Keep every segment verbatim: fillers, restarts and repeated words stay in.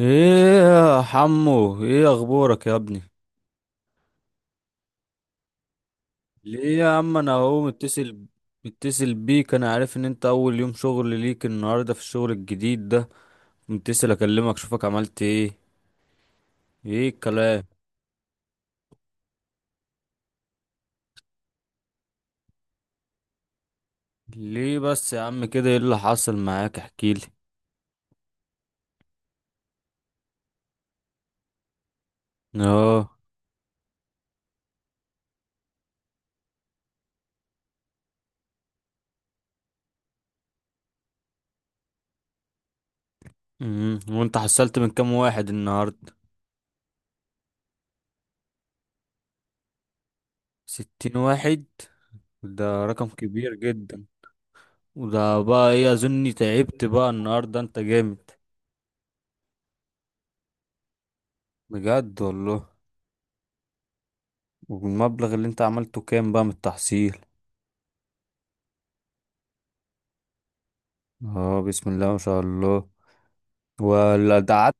ايه يا حمو، ايه اخبارك يا ابني؟ ليه يا عم، انا اهو متصل متصل بيك، انا عارف ان انت اول يوم شغل ليك النهارده في الشغل الجديد ده. متصل اكلمك اشوفك عملت ايه. ايه الكلام؟ ليه بس يا عم كده؟ ايه اللي حصل معاك؟ احكيلي. اه. امم وانت حصلت من كام واحد النهارده؟ ستين واحد؟ ده رقم كبير جدا. وده بقى ايه، اظني تعبت بقى النهارده، انت جامد. بجد والله؟ والمبلغ اللي انت عملته كام بقى من التحصيل؟ اه، بسم الله ما شاء الله. ولا ده عد؟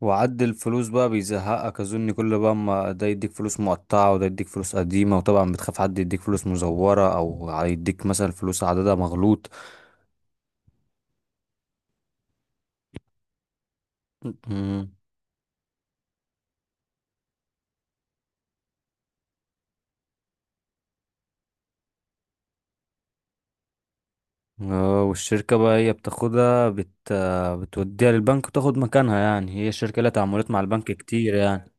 وعد الفلوس بقى بيزهقك اظن، كل بقى، ما ده يديك فلوس مقطعة، وده يديك فلوس قديمة، وطبعا بتخاف حد يديك فلوس مزورة او هيديك مثلا فلوس عددها مغلوط. مم. اه، والشركة بقى هي بتاخدها بت... بتوديها للبنك وتاخد مكانها، يعني هي الشركة لها تعاملات مع البنك كتير يعني.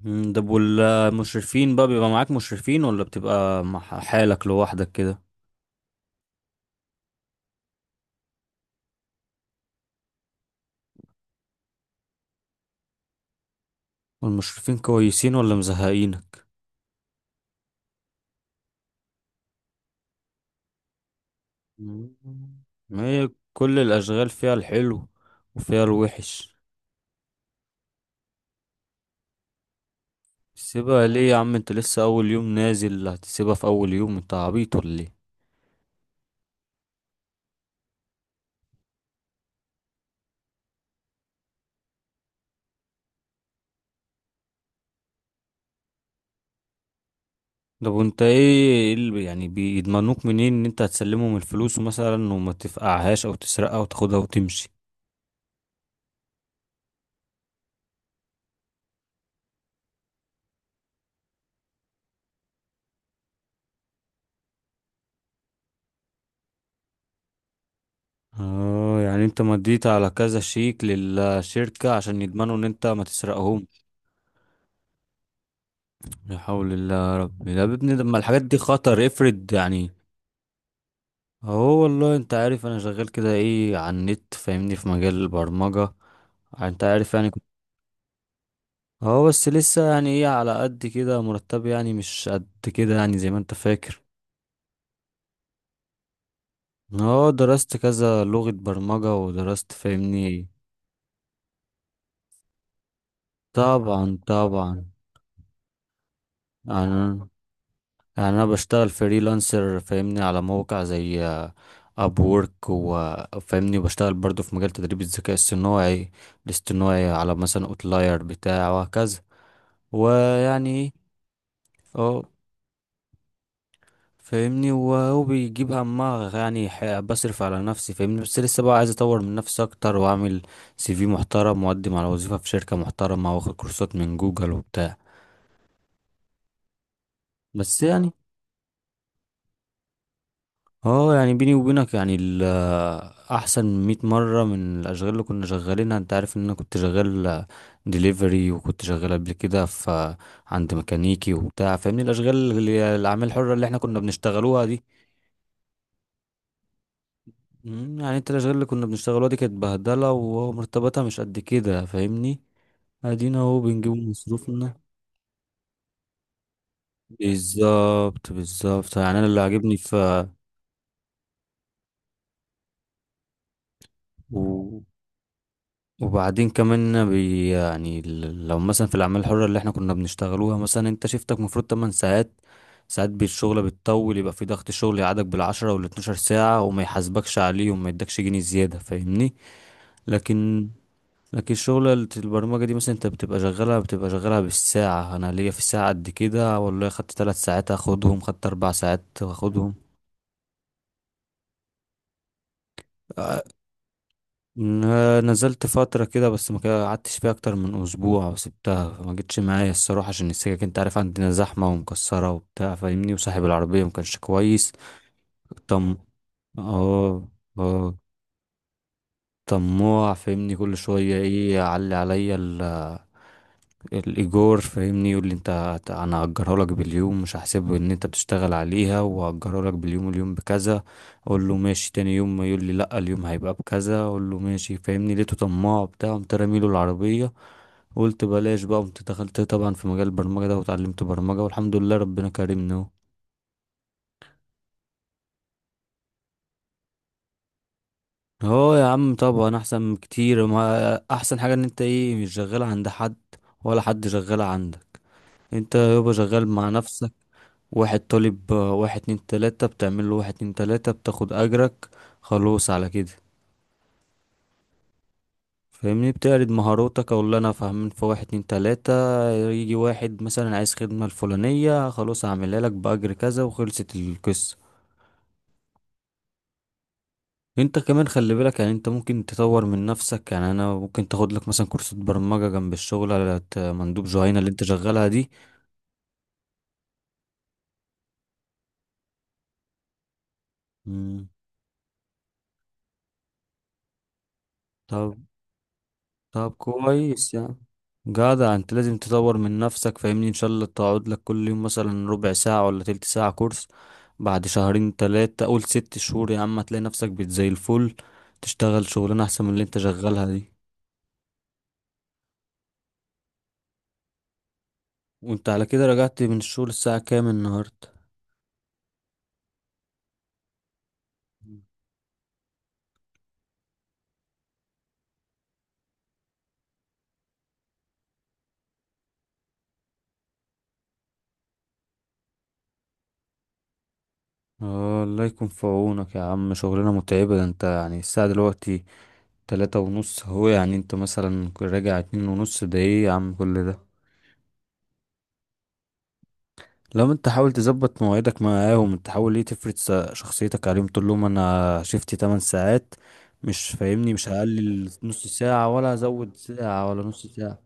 مم. ده والمشرفين بقى، بيبقى معاك مشرفين ولا بتبقى مع حالك لوحدك كده؟ والمشرفين كويسين ولا مزهقينك؟ ما هي كل الأشغال فيها الحلو وفيها الوحش. سيبها ليه يا عم؟ انت لسه أول يوم نازل، هتسيبها في أول يوم؟ انت عبيط ولا ايه؟ طب وانت ايه، ايه اللي يعني بيضمنوك منين ان انت هتسلمهم الفلوس مثلا وما تفقعهاش او تسرقها وتاخدها وتمشي؟ اه، يعني انت مديت على كذا شيك للشركة عشان يضمنوا ان انت ما تسرقهم؟ لا حول الله يا رب، ده يا ابني لما الحاجات دي خطر افرض يعني. هو والله انت عارف انا شغال كده ايه على النت، فاهمني، في مجال البرمجة. انت عارف يعني كنت- هو بس لسه يعني ايه على قد كده، مرتب يعني مش قد كده يعني زي ما انت فاكر. اه، درست كذا لغة برمجة ودرست، فاهمني. طبعا طبعا. انا يعني انا بشتغل فريلانسر فاهمني، على موقع زي اب وورك، وفاهمني، وبشتغل برضو في مجال تدريب الذكاء الصناعي الاصطناعي على مثلا اوتلاير بتاع، وهكذا ويعني ايه. اه، فاهمني، وهو بيجيب همها يعني، ح- بصرف على نفسي فاهمني، بس لسه بقى عايز اطور من نفسي اكتر واعمل سي في محترم واقدم على وظيفة في شركة محترمة واخد كورسات من جوجل وبتاع. بس يعني، اه يعني بيني وبينك يعني ال- احسن 100 مرة من الاشغال اللي كنا شغالينها. انت عارف ان انا كنت شغال ديليفري وكنت شغال قبل كده في عند ميكانيكي وبتاع فاهمني، الاشغال اللي الاعمال الحرة اللي احنا كنا بنشتغلوها دي. مم، يعني انت الاشغال اللي كنا بنشتغلوها دي كانت بهدله ومرتباتها مش قد كده فاهمني. ادينا اهو بنجيب مصروفنا. بالظبط بالظبط، يعني انا اللي عاجبني في و... وبعدين كمان بي يعني ال- لو مثلا في الاعمال الحره اللي احنا كنا بنشتغلوها، مثلا انت شفتك المفروض 8 ساعات، ساعات بالشغل بتطول، يبقى في ضغط شغل يقعدك بالعشرة وال12 ساعة وما يحاسبكش عليه وما يدكش جنيه زيادة فاهمني. لكن لكن شغلة البرمجة دي مثلا، انت بتبقى شغالها بتبقى شغالها بالساعة، انا ليا في الساعة قد كده، والله خدت ثلاث ساعات هاخدهم، خدت اربع ساعات هاخدهم. آه، ن- نزلت فترة كده بس ما كده- قعدتش فيها اكتر من اسبوع وسبتها، فما جتش معايا الصراحة عشان السكك، انت عارف عندنا زحمة ومكسرة وبتاع فاهمني، وصاحب العربية ما كانش كويس. طم اه، اه، طماع فاهمني، كل شوية ايه يعلي عليا الايجار فاهمني، يقول لي انت هت- انا هأجره لك باليوم، مش هحسبه ان انت بتشتغل عليها، وهأجره لك باليوم، اليوم بكذا. اقول له ماشي. تاني يوم ما يقول لي لا، اليوم هيبقى بكذا. اقول له ماشي فاهمني، لقيته طماع بتاع، قمت راميله العربيه، قلت بلاش بقى، قمت دخلت طبعا في مجال البرمجه ده وتعلمت برمجه، والحمد لله ربنا كرمني. اهو اه يا عم، طبعا احسن كتير. ما احسن حاجه ان انت ايه مش شغال عند حد ولا حد شغال عندك. انت يابا شغال مع نفسك، واحد طالب، آه، واحد اتنين تلاتة، بتعمل له واحد اتنين تلاتة بتاخد أجرك، خلاص على كده. فاهمني، بتعرض مهاراتك أو اللي أنا فاهمين في واحد اتنين تلاتة، يجي واحد مثلا عايز خدمة الفلانية، خلاص هعملها لك بأجر كذا، وخلصت القصة. انت كمان خلي بالك، يعني انت ممكن تطور من نفسك، يعني انا ممكن تاخد لك مثلا كورسات برمجة جنب الشغل، على ت- مندوب جهينة اللي انت شغالها دي. مم. طب طب كويس يعني، جدع، انت لازم تطور من نفسك فاهمني، ان شاء الله تقعد لك كل يوم مثلا ربع ساعة ولا تلت ساعة كورس، بعد شهرين تلاتة، قول ست شهور يا عم، هتلاقي نفسك بت زي الفل، تشتغل شغلانة احسن من اللي انت شغالها دي. وانت على كده رجعت من الشغل الساعة كام النهاردة؟ اه، الله يكون في عونك يا عم، شغلانة متعبة، ده انت يعني الساعة دلوقتي تلاتة ونص، هو يعني انت مثلا راجع اتنين ونص، ده ايه يا عم كل ده؟ لو انت، حاول تظبط مواعيدك معاهم، انت حاول ايه تفرض س- شخصيتك عليهم، تقول لهم انا شفتي 8 ساعات، مش فاهمني، مش هقلل نص ساعة ولا هزود ساعة ولا نص ساعة.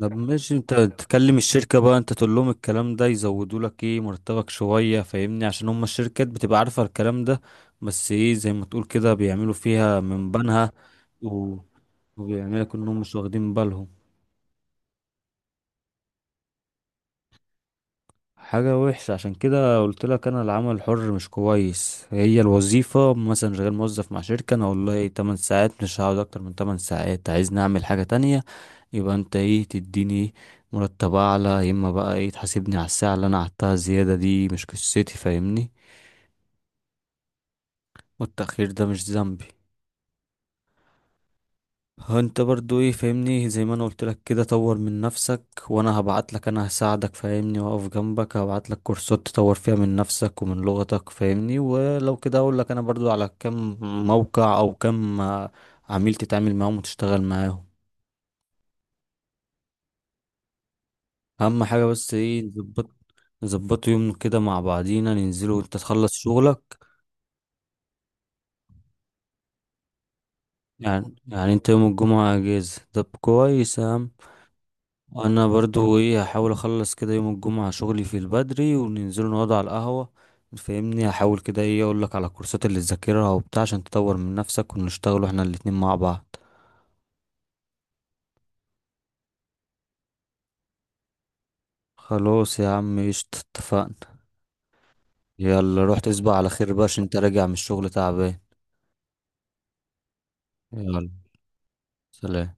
طب ماشي، انت تكلم الشركة بقى، انت تقول لهم الكلام ده يزودوا لك ايه مرتبك شوية، فاهمني، عشان هم الشركات بتبقى عارفة الكلام ده، بس ايه زي ما تقول كده بيعملوا فيها من بنها، و... وبيعملوا انهم مش واخدين بالهم. حاجة وحشة، عشان كده قلت لك انا العمل الحر مش كويس، هي الوظيفة مثلا شغال موظف مع شركة، انا والله 8 ساعات مش هقعد اكتر من 8 ساعات، عايز نعمل حاجة تانية يبقى انت ايه تديني مرتب اعلى، يا اما بقى ايه تحاسبني على الساعة اللي انا قعدتها زيادة، دي مش قصتي فاهمني، والتأخير ده مش ذنبي. هو انت برضو ايه فاهمني، زي ما انا قلت لك كده، طور من نفسك، وانا هبعت لك، انا هساعدك فاهمني، واقف جنبك، هبعت لك كورسات تطور فيها من نفسك ومن لغتك فاهمني، ولو كده اقول لك انا برضو على كم موقع او كم آه، عميل تتعامل معاهم وتشتغل معاهم. اهم حاجة بس ايه نظبط نظبطوا يوم كده مع بعضينا ننزلوا وانت تخلص شغلك. يعني يعني انت يوم الجمعة اجازة؟ طب كويس يا عم. انا برضو ايه هحاول اخلص كده يوم الجمعة شغلي في البدري، وننزلوا نقعد على القهوة فاهمني، هحاول كده ايه اقولك على الكورسات اللي تذاكرها وبتاع عشان تطور من نفسك، ونشتغلوا احنا الاتنين مع بعض. خلاص يا عم ايش، اتفقنا. يلا روح تصبح على خير بقى، عشان انت راجع من الشغل تعبان. يلا سلام.